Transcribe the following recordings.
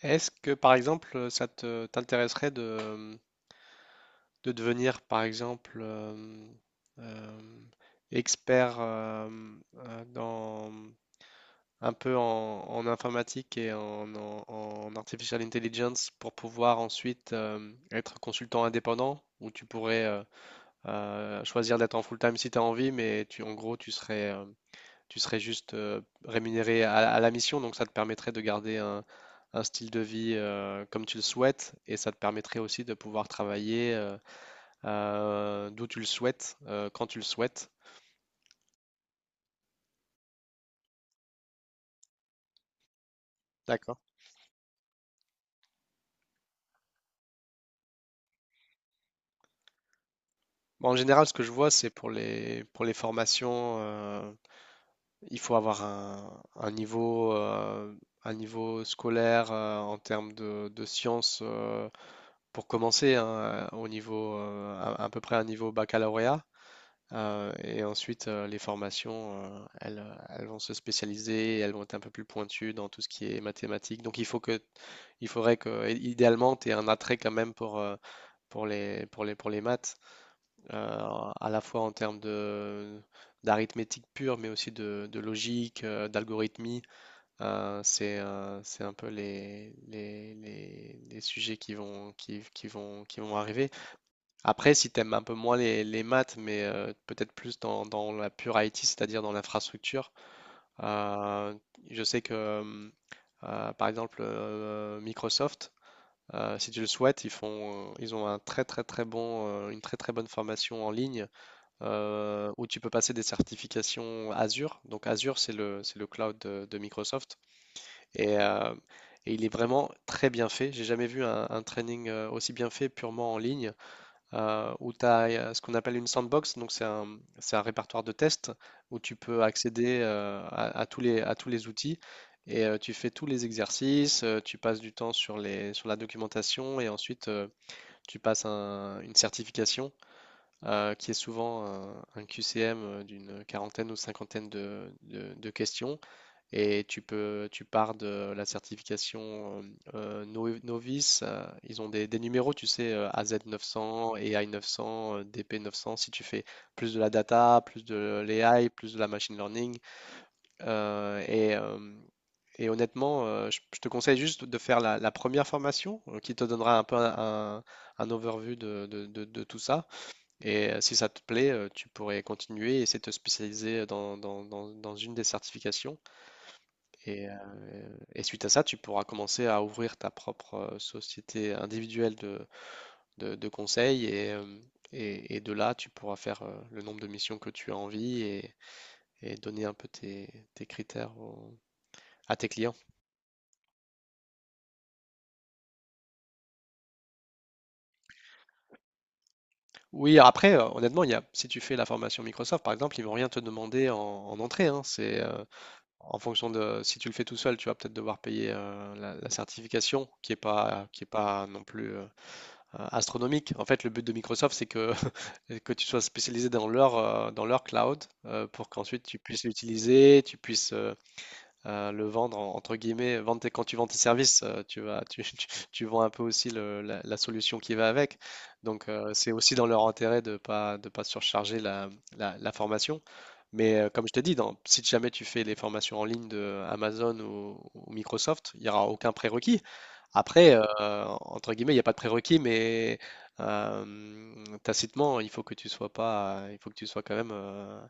Est-ce que, par exemple, ça te t'intéresserait de devenir, par exemple, euh, expert dans un peu en informatique et en artificial intelligence pour pouvoir ensuite être consultant indépendant, où tu pourrais choisir d'être en full-time si tu as envie, mais en gros, tu serais juste rémunéré à la mission, donc ça te permettrait de garder un style de vie comme tu le souhaites, et ça te permettrait aussi de pouvoir travailler d'où tu le souhaites, quand tu le souhaites. D'accord. Bon, en général, ce que je vois, c'est pour les formations, il faut avoir un niveau scolaire en termes de sciences pour commencer, hein, au niveau, à peu près un niveau baccalauréat. Et ensuite, les formations, elles vont se spécialiser, elles vont être un peu plus pointues dans tout ce qui est mathématiques. Donc, il faudrait que, idéalement, tu aies un attrait quand même pour les maths, à la fois en termes d'arithmétique pure, mais aussi de logique, d'algorithmie. C'est un peu les sujets qui vont arriver. Après, si t'aimes un peu moins les maths, mais peut-être plus dans la pure IT, c'est-à-dire dans l'infrastructure, euh, je sais que, par exemple, Microsoft, si tu le souhaites, ils ont un très très très bon, une très très bonne formation en ligne où tu peux passer des certifications Azure. Donc Azure, c'est le cloud de Microsoft. Et, euh, et il est vraiment très bien fait. J'ai jamais vu un training aussi bien fait purement en ligne où tu as ce qu'on appelle une sandbox, donc c'est un répertoire de tests où tu peux accéder à tous les outils et tu fais tous les exercices, tu passes du temps sur sur la documentation et ensuite tu passes une certification qui est souvent un QCM d'une quarantaine ou cinquantaine de questions et tu pars de la certification novice. Ils ont des numéros, tu sais, AZ900, AI900, DP900. Si tu fais plus de la data, plus de l'AI, plus de la machine learning. Euh, et, euh, Honnêtement, je te conseille juste de faire la première formation qui te donnera un peu un overview de tout ça. Et si ça te plaît, tu pourrais continuer et essayer de te spécialiser dans une des certifications. Et, heu suite à ça, tu pourras commencer à ouvrir ta propre, société individuelle de conseil et hem et de là, tu pourras faire, le nombre de missions que tu as envie et donner un peu tes critères aux à tes clients. Oui, après, honnêtement, il y a si tu fais la formation Microsoft, par exemple, ils vont rien te demander en entrée, hein. En fonction de si tu le fais tout seul, tu vas peut-être devoir payer, la certification qui est pas non plus, astronomique. En fait, le but de Microsoft, c'est que, que tu sois spécialisé dans dans leur cloud pour qu'ensuite tu puisses l'utiliser, tu puisses le vendre entre guillemets, quand tu vends tes services, tu vends un peu aussi la solution qui va avec. Donc c'est aussi dans leur intérêt de pas surcharger la formation. Mais comme je te dis, si jamais tu fais les formations en ligne de Amazon ou Microsoft, il n'y aura aucun prérequis. Après, entre guillemets, il n'y a pas de prérequis, mais euh, tacitement, il faut que tu sois pas, il faut que tu sois quand même euh,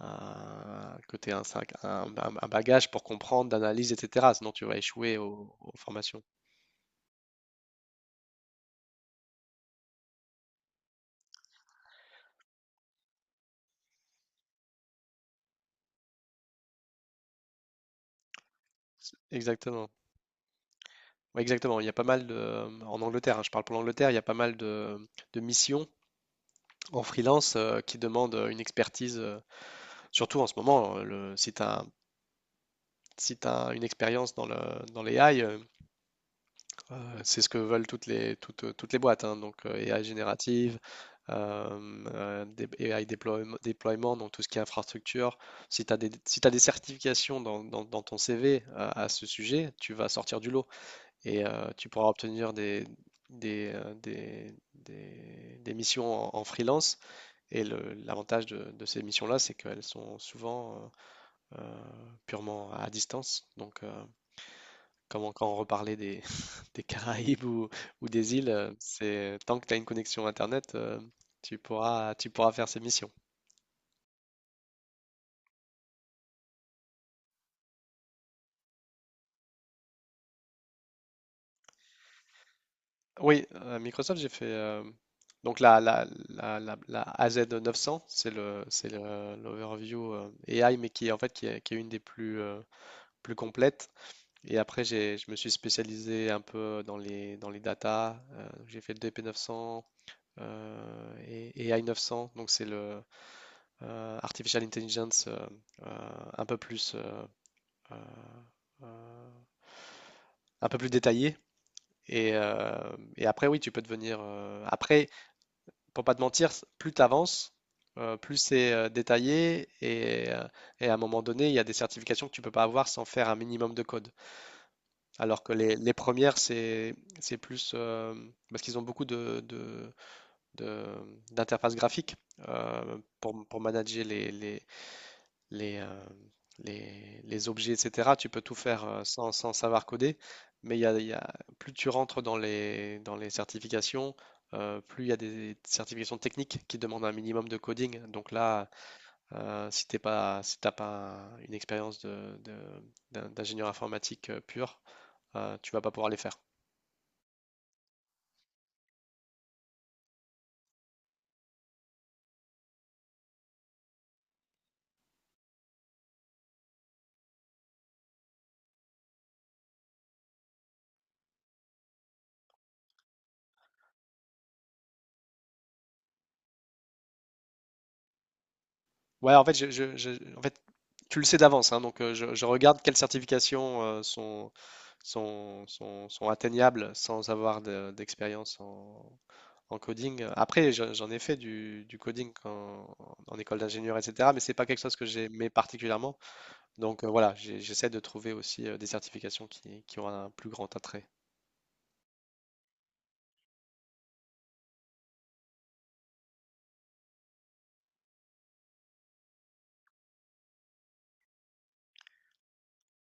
un- que tu aies un, sac- un bagage pour comprendre, d'analyse, etc. Sinon, tu vas échouer aux formations. Exactement. Ouais, exactement. Il y a pas mal de, En Angleterre, hein, je parle pour l'Angleterre, il y a pas mal de missions en freelance qui demandent une expertise, surtout en ce moment, le, si tu as, si t'as une expérience dans dans l'AI. C'est ce que veulent toutes les boîtes, hein, donc AI générative, AI déploiement, donc tout ce qui est infrastructure. Si t'as des certifications dans ton CV à ce sujet, tu vas sortir du lot et tu pourras obtenir des missions en freelance. Et l'avantage de ces missions-là, c'est qu'elles sont souvent purement à distance. Donc, comment quand on reparlait des Caraïbes ou des îles, c'est tant que tu as une connexion Internet, tu pourras faire ces missions. Oui, à Microsoft, j'ai fait donc la AZ900, c'est l'overview AI, mais qui est en fait qui est une des plus, plus complètes. Et après, je me suis spécialisé un peu dans les data. J'ai fait le DP900 et AI900, donc c'est le artificial intelligence, euh, un peu plus, euh, euh, un peu plus détaillé. Après, oui, tu peux devenir. Après, pour pas te mentir, plus tu avances, plus c'est détaillé. À un moment donné, il y a des certifications que tu peux pas avoir sans faire un minimum de code. Alors que les premières, c'est plus. Parce qu'ils ont beaucoup d'interfaces graphiques pour manager les, euh, les objets, etc. Tu peux tout faire sans savoir coder, mais plus tu rentres dans les certifications, plus il y a des certifications techniques qui demandent un minimum de coding. Donc là, si t'es pas, si t'as pas une expérience d'ingénieur informatique pur, tu vas pas pouvoir les faire. Ouais, en fait, tu le sais d'avance, hein, donc je regarde quelles certifications sont atteignables sans avoir d'expérience en coding. Après, j'en ai fait du coding en école d'ingénieur, etc., mais c'est pas quelque chose que j'aimais particulièrement. Donc voilà, j'essaie de trouver aussi des certifications qui ont un plus grand attrait.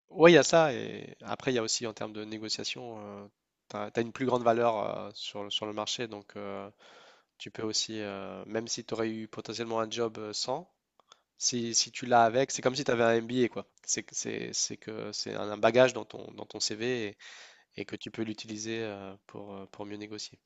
Oui, il y a ça, et après, il y a aussi en termes de négociation, une plus grande valeur sur le marché, donc tu peux aussi, même si tu aurais eu potentiellement un job sans, si tu l'as avec, c'est comme si tu avais un MBA, quoi. C'est que c'est un bagage dans dans ton CV et que tu peux l'utiliser pour mieux négocier.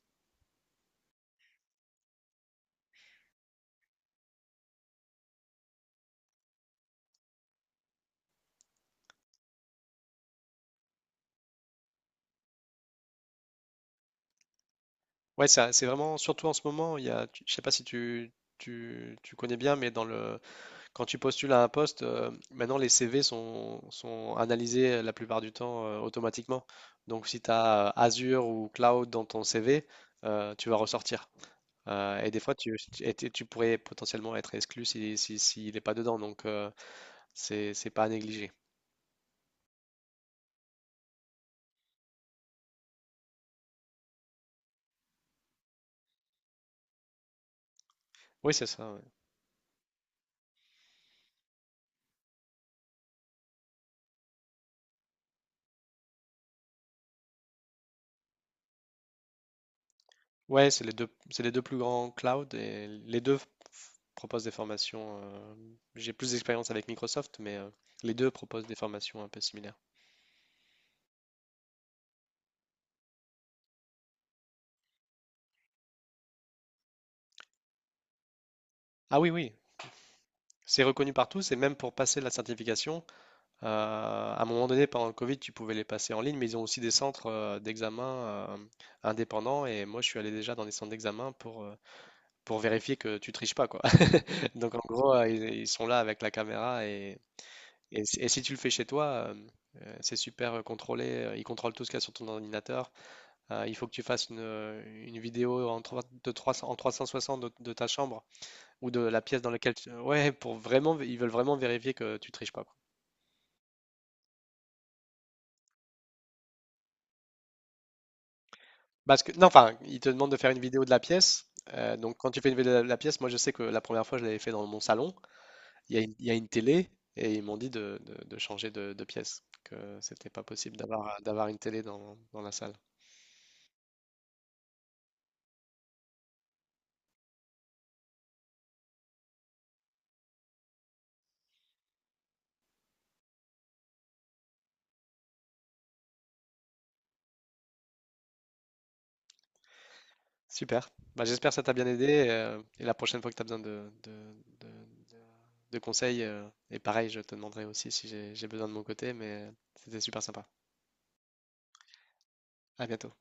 Ouais, ça, c'est vraiment, surtout en ce moment, il y a, tu- je sais pas si tu connais bien, mais quand tu postules à un poste, maintenant les CV sont analysés la plupart du temps automatiquement. Donc si tu as Azure ou Cloud dans ton CV, tu vas ressortir. Et des fois, tu pourrais potentiellement être exclu si, si, s'il n'est pas dedans. Donc, c'est pas à négliger. Oui, c'est ça. Ouais, Ouais, c'est les deux plus grands clouds et les deux proposent des formations. J'ai plus d'expérience avec Microsoft, mais les deux proposent des formations un peu similaires. Ah oui, oui, c'est reconnu partout. C'est même pour passer la certification. euh, à un moment donné, pendant le Covid, tu pouvais les passer en ligne, mais ils ont aussi des centres d'examen indépendants. Et moi, je suis allé déjà dans des centres d'examen pour vérifier que tu triches pas, quoi. Donc en gros, ils sont là avec la caméra. Si tu le fais chez toi, c'est super contrôlé. Ils contrôlent tout ce qu'il y a sur ton ordinateur. Il faut que tu fasses une vidéo de 300 en 360 de ta chambre ou de la pièce dans laquelle tu. Ouais, ils veulent vraiment vérifier que tu triches pas, quoi. Parce que, non, enfin, ils te demandent de faire une vidéo de la pièce. Donc, quand tu fais une vidéo de la pièce, moi, je sais que la première fois, je l'avais fait dans mon salon. Il y a une télé et ils m'ont dit de changer de pièce, que c'était pas possible d'avoir une télé dans la salle. Super. Bah, j'espère que ça t'a bien aidé. La prochaine fois que tu as besoin de- de conseils, et pareil, je te demanderai aussi si j'ai besoin de mon côté, mais c'était super sympa. À bientôt.